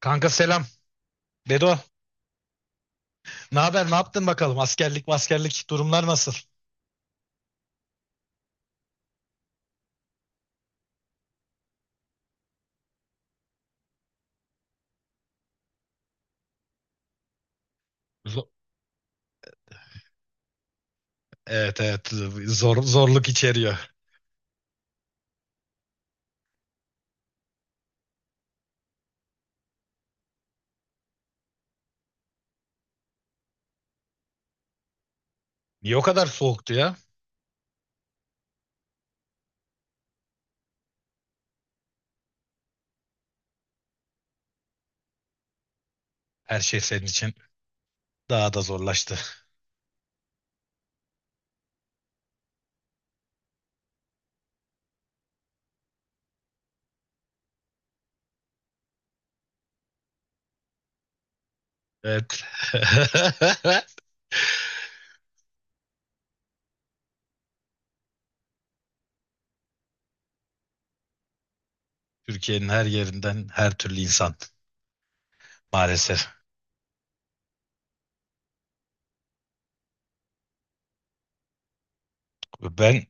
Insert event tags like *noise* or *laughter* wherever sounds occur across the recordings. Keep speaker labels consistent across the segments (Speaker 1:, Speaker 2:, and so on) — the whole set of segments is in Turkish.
Speaker 1: Kanka selam. Bedo. Ne haber? Ne yaptın bakalım? Askerlik durumlar nasıl? Zo- evet, evet. Zor, zorluk içeriyor. Niye o kadar soğuktu ya? Her şey senin için daha da zorlaştı. Evet. *laughs* Türkiye'nin her yerinden her türlü insan maalesef. Ben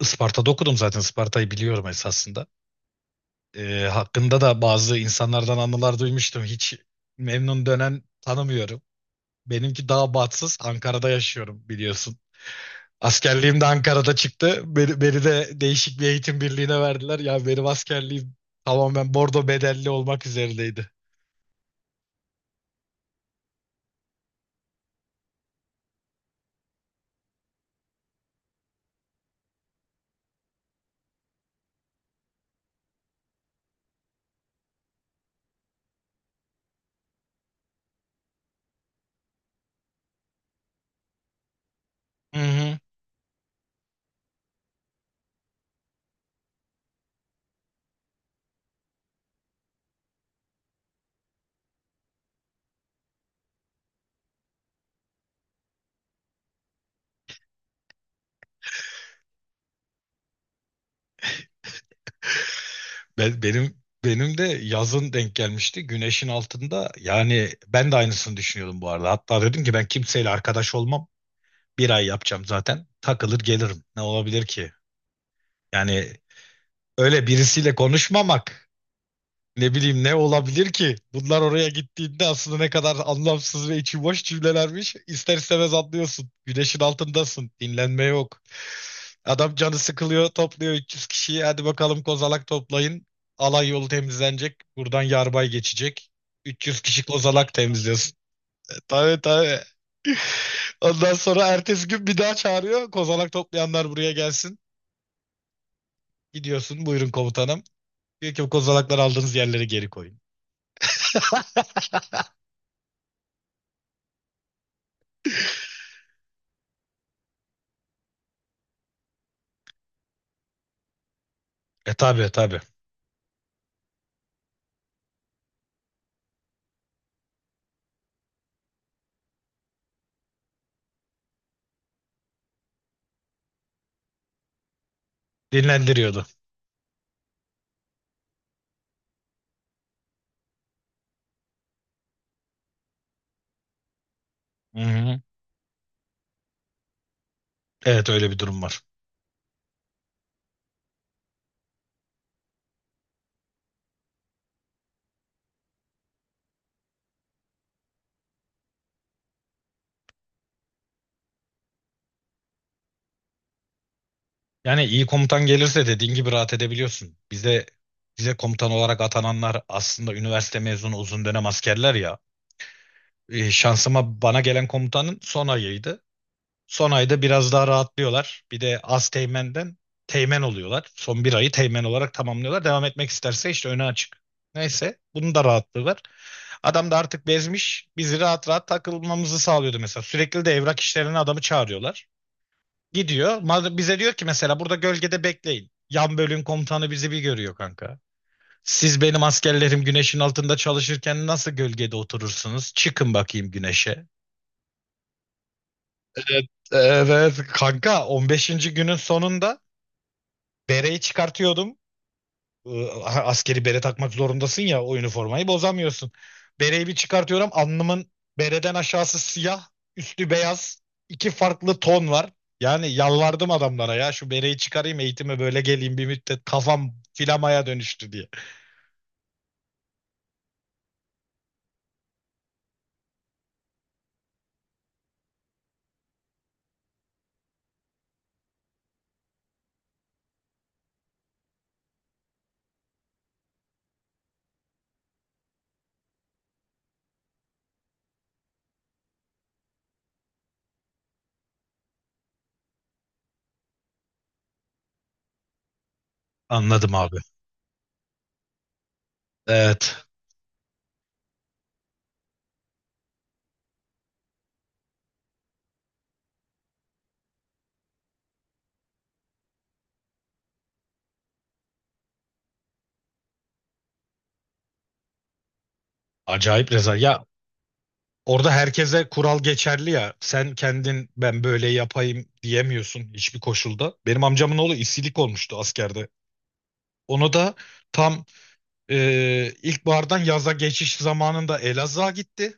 Speaker 1: Isparta'da okudum zaten. Isparta'yı biliyorum esasında. Hakkında da bazı insanlardan anılar duymuştum. Hiç memnun dönen tanımıyorum. Benimki daha batsız. Ankara'da yaşıyorum biliyorsun. Askerliğim de Ankara'da çıktı. Beni de değişik bir eğitim birliğine verdiler. Ya benim askerliğim tamamen bordo bedelli olmak üzerindeydi. Hı hı. Benim de yazın denk gelmişti. Güneşin altında. Yani ben de aynısını düşünüyordum bu arada. Hatta dedim ki ben kimseyle arkadaş olmam. Bir ay yapacağım zaten. Takılır gelirim. Ne olabilir ki? Yani öyle birisiyle konuşmamak. Ne bileyim, ne olabilir ki? Bunlar oraya gittiğinde aslında ne kadar anlamsız ve içi boş cümlelermiş. İster istemez anlıyorsun. Güneşin altındasın. Dinlenme yok. Adam canı sıkılıyor, topluyor 300 kişiyi. Hadi bakalım kozalak toplayın. Alay yolu temizlenecek. Buradan yarbay geçecek. 300 kişi kozalak temizliyorsun. *laughs* Tabii, tabii. Ondan sonra ertesi gün bir daha çağırıyor. Kozalak toplayanlar buraya gelsin. Gidiyorsun. Buyurun komutanım. Diyor ki bu kozalakları aldığınız yerlere geri koyun. *laughs* E, tabii tabii. Dinlendiriyordu. Hı hı. Evet, öyle bir durum var. Yani iyi komutan gelirse dediğin gibi rahat edebiliyorsun. Bize komutan olarak atananlar aslında üniversite mezunu uzun dönem askerler ya. Şansıma bana gelen komutanın son ayıydı. Son ayda biraz daha rahatlıyorlar. Bir de az teğmenden teğmen oluyorlar. Son bir ayı teğmen olarak tamamlıyorlar. Devam etmek isterse işte öne açık. Neyse bunun da rahatlığı var. Adam da artık bezmiş. Bizi rahat rahat takılmamızı sağlıyordu mesela. Sürekli de evrak işlerine adamı çağırıyorlar. Gidiyor. Bize diyor ki mesela burada gölgede bekleyin. Yan bölüm komutanı bizi bir görüyor kanka. Siz benim askerlerim güneşin altında çalışırken nasıl gölgede oturursunuz? Çıkın bakayım güneşe. Evet, evet kanka, 15. günün sonunda bereyi çıkartıyordum. Askeri bere takmak zorundasın ya, o üniformayı bozamıyorsun. Bereyi bir çıkartıyorum, alnımın bereden aşağısı siyah, üstü beyaz, iki farklı ton var. Yani yalvardım adamlara ya, şu bereyi çıkarayım eğitime böyle geleyim bir müddet, kafam filamaya dönüştü diye. Anladım abi. Evet. Acayip rezil. Ya orada herkese kural geçerli ya. Sen kendin ben böyle yapayım diyemiyorsun hiçbir koşulda. Benim amcamın oğlu isilik olmuştu askerde. Onu da tam ilkbahardan yaza geçiş zamanında Elazığ'a gitti.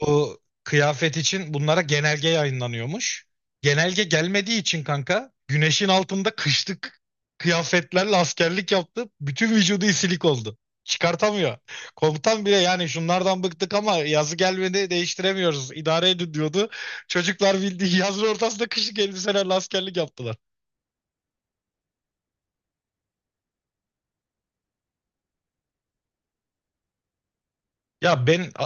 Speaker 1: O kıyafet için bunlara genelge yayınlanıyormuş. Genelge gelmediği için kanka güneşin altında kışlık kıyafetlerle askerlik yaptı. Bütün vücudu isilik oldu. Çıkartamıyor. Komutan bile yani şunlardan bıktık ama yazı gelmedi, değiştiremiyoruz. İdare edin diyordu. Çocuklar bildiği yazın ortasında kışlık elbiselerle askerlik yaptılar. Ya ben... *laughs*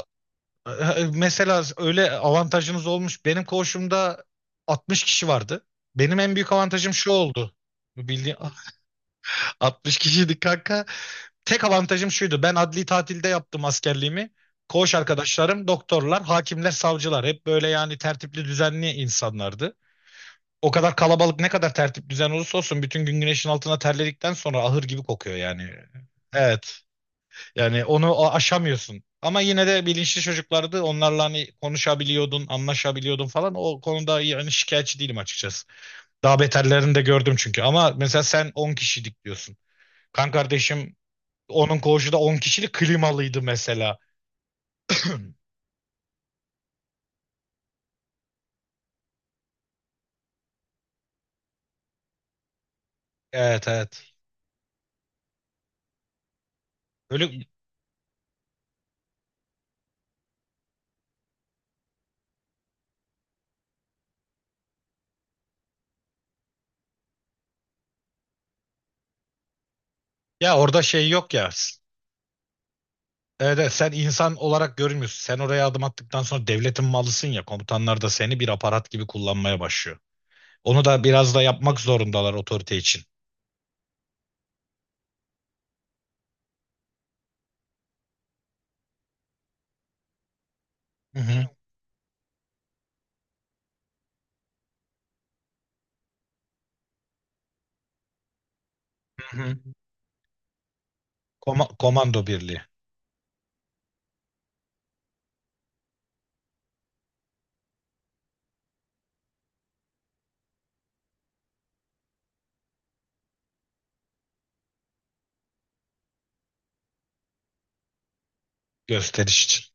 Speaker 1: E, mesela öyle avantajınız olmuş. Benim koğuşumda 60 kişi vardı. Benim en büyük avantajım şu oldu. Bildiğin *laughs* 60 kişiydik kanka. Tek avantajım şuydu. Ben adli tatilde yaptım askerliğimi. Koğuş arkadaşlarım doktorlar, hakimler, savcılar. Hep böyle yani tertipli, düzenli insanlardı. O kadar kalabalık, ne kadar tertip düzen olursa olsun bütün gün güneşin altına terledikten sonra ahır gibi kokuyor yani. Evet. Yani onu aşamıyorsun. Ama yine de bilinçli çocuklardı. Onlarla hani konuşabiliyordun, anlaşabiliyordun falan. O konuda yani şikayetçi değilim açıkçası. Daha beterlerini de gördüm çünkü. Ama mesela sen 10 kişilik diyorsun. Kan kardeşim, onun koğuşu da 10 kişilik klimalıydı mesela. Evet, evet. Öyle. Ya orada şey yok ya. Evet, evet, sen insan olarak görünmüyorsun. Sen oraya adım attıktan sonra devletin malısın ya. Komutanlar da seni bir aparat gibi kullanmaya başlıyor. Onu da biraz da yapmak zorundalar otorite için. Hı hı. Hı hı. Komando birliği. Gösteriş için.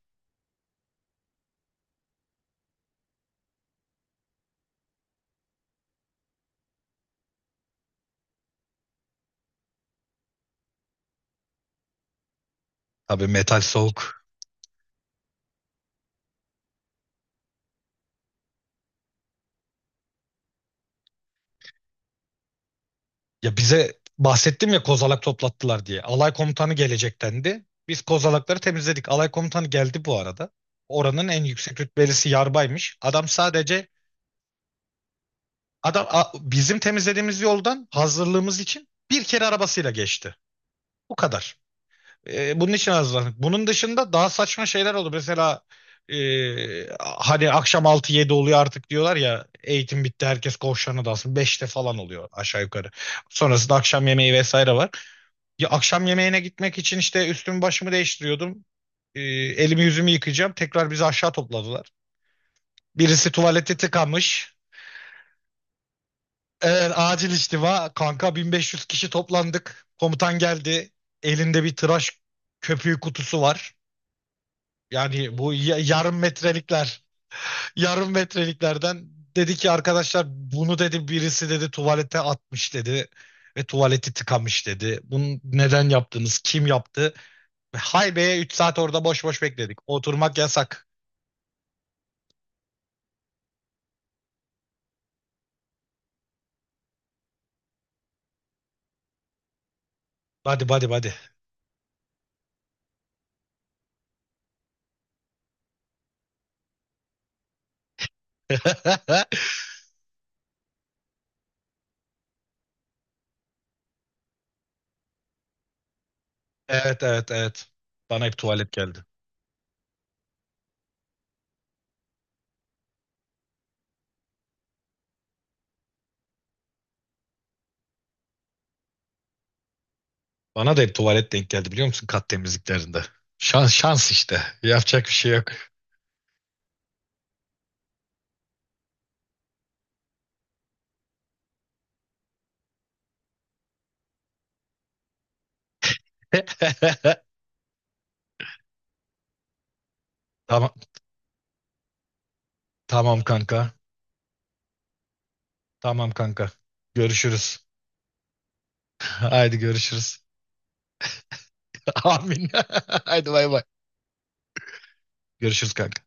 Speaker 1: Tabii, metal soğuk. Ya bize bahsettim ya kozalak toplattılar diye. Alay komutanı gelecek dendi. Biz kozalakları temizledik. Alay komutanı geldi bu arada. Oranın en yüksek rütbelisi yarbaymış. Adam sadece, bizim temizlediğimiz yoldan hazırlığımız için bir kere arabasıyla geçti. Bu kadar. Bunun için hazırlandık. Bunun dışında daha saçma şeyler oldu. Mesela, e, hani akşam altı yedi oluyor artık diyorlar ya eğitim bitti herkes koğuşlarına dalsın. 5'te falan oluyor aşağı yukarı. Sonrasında akşam yemeği vesaire var. Ya akşam yemeğine gitmek için işte üstümü başımı değiştiriyordum. Elimi yüzümü yıkayacağım. Tekrar bizi aşağı topladılar. Birisi tuvalete tıkamış. Evet, acil istiva. Kanka 1500 kişi toplandık. Komutan geldi. Elinde bir tıraş köpüğü kutusu var. Yani bu yarım metrelikler, *laughs* yarım metreliklerden, dedi ki arkadaşlar bunu dedi birisi dedi tuvalete atmış dedi ve tuvaleti tıkamış dedi. Bunu neden yaptınız? Kim yaptı? Haybe'ye 3 saat orada boş boş bekledik. Oturmak yasak. Hadi, hadi, hadi. *laughs* Evet, evet, evet. Bana hep tuvalet geldi. Bana da hep tuvalet denk geldi biliyor musun kat temizliklerinde. Şans, şans işte. Yapacak bir şey yok. *laughs* Tamam, tamam kanka. Tamam kanka. Görüşürüz. Haydi görüşürüz. *laughs* Amin. *laughs* Haydi bay bay. Görüşürüz kanka.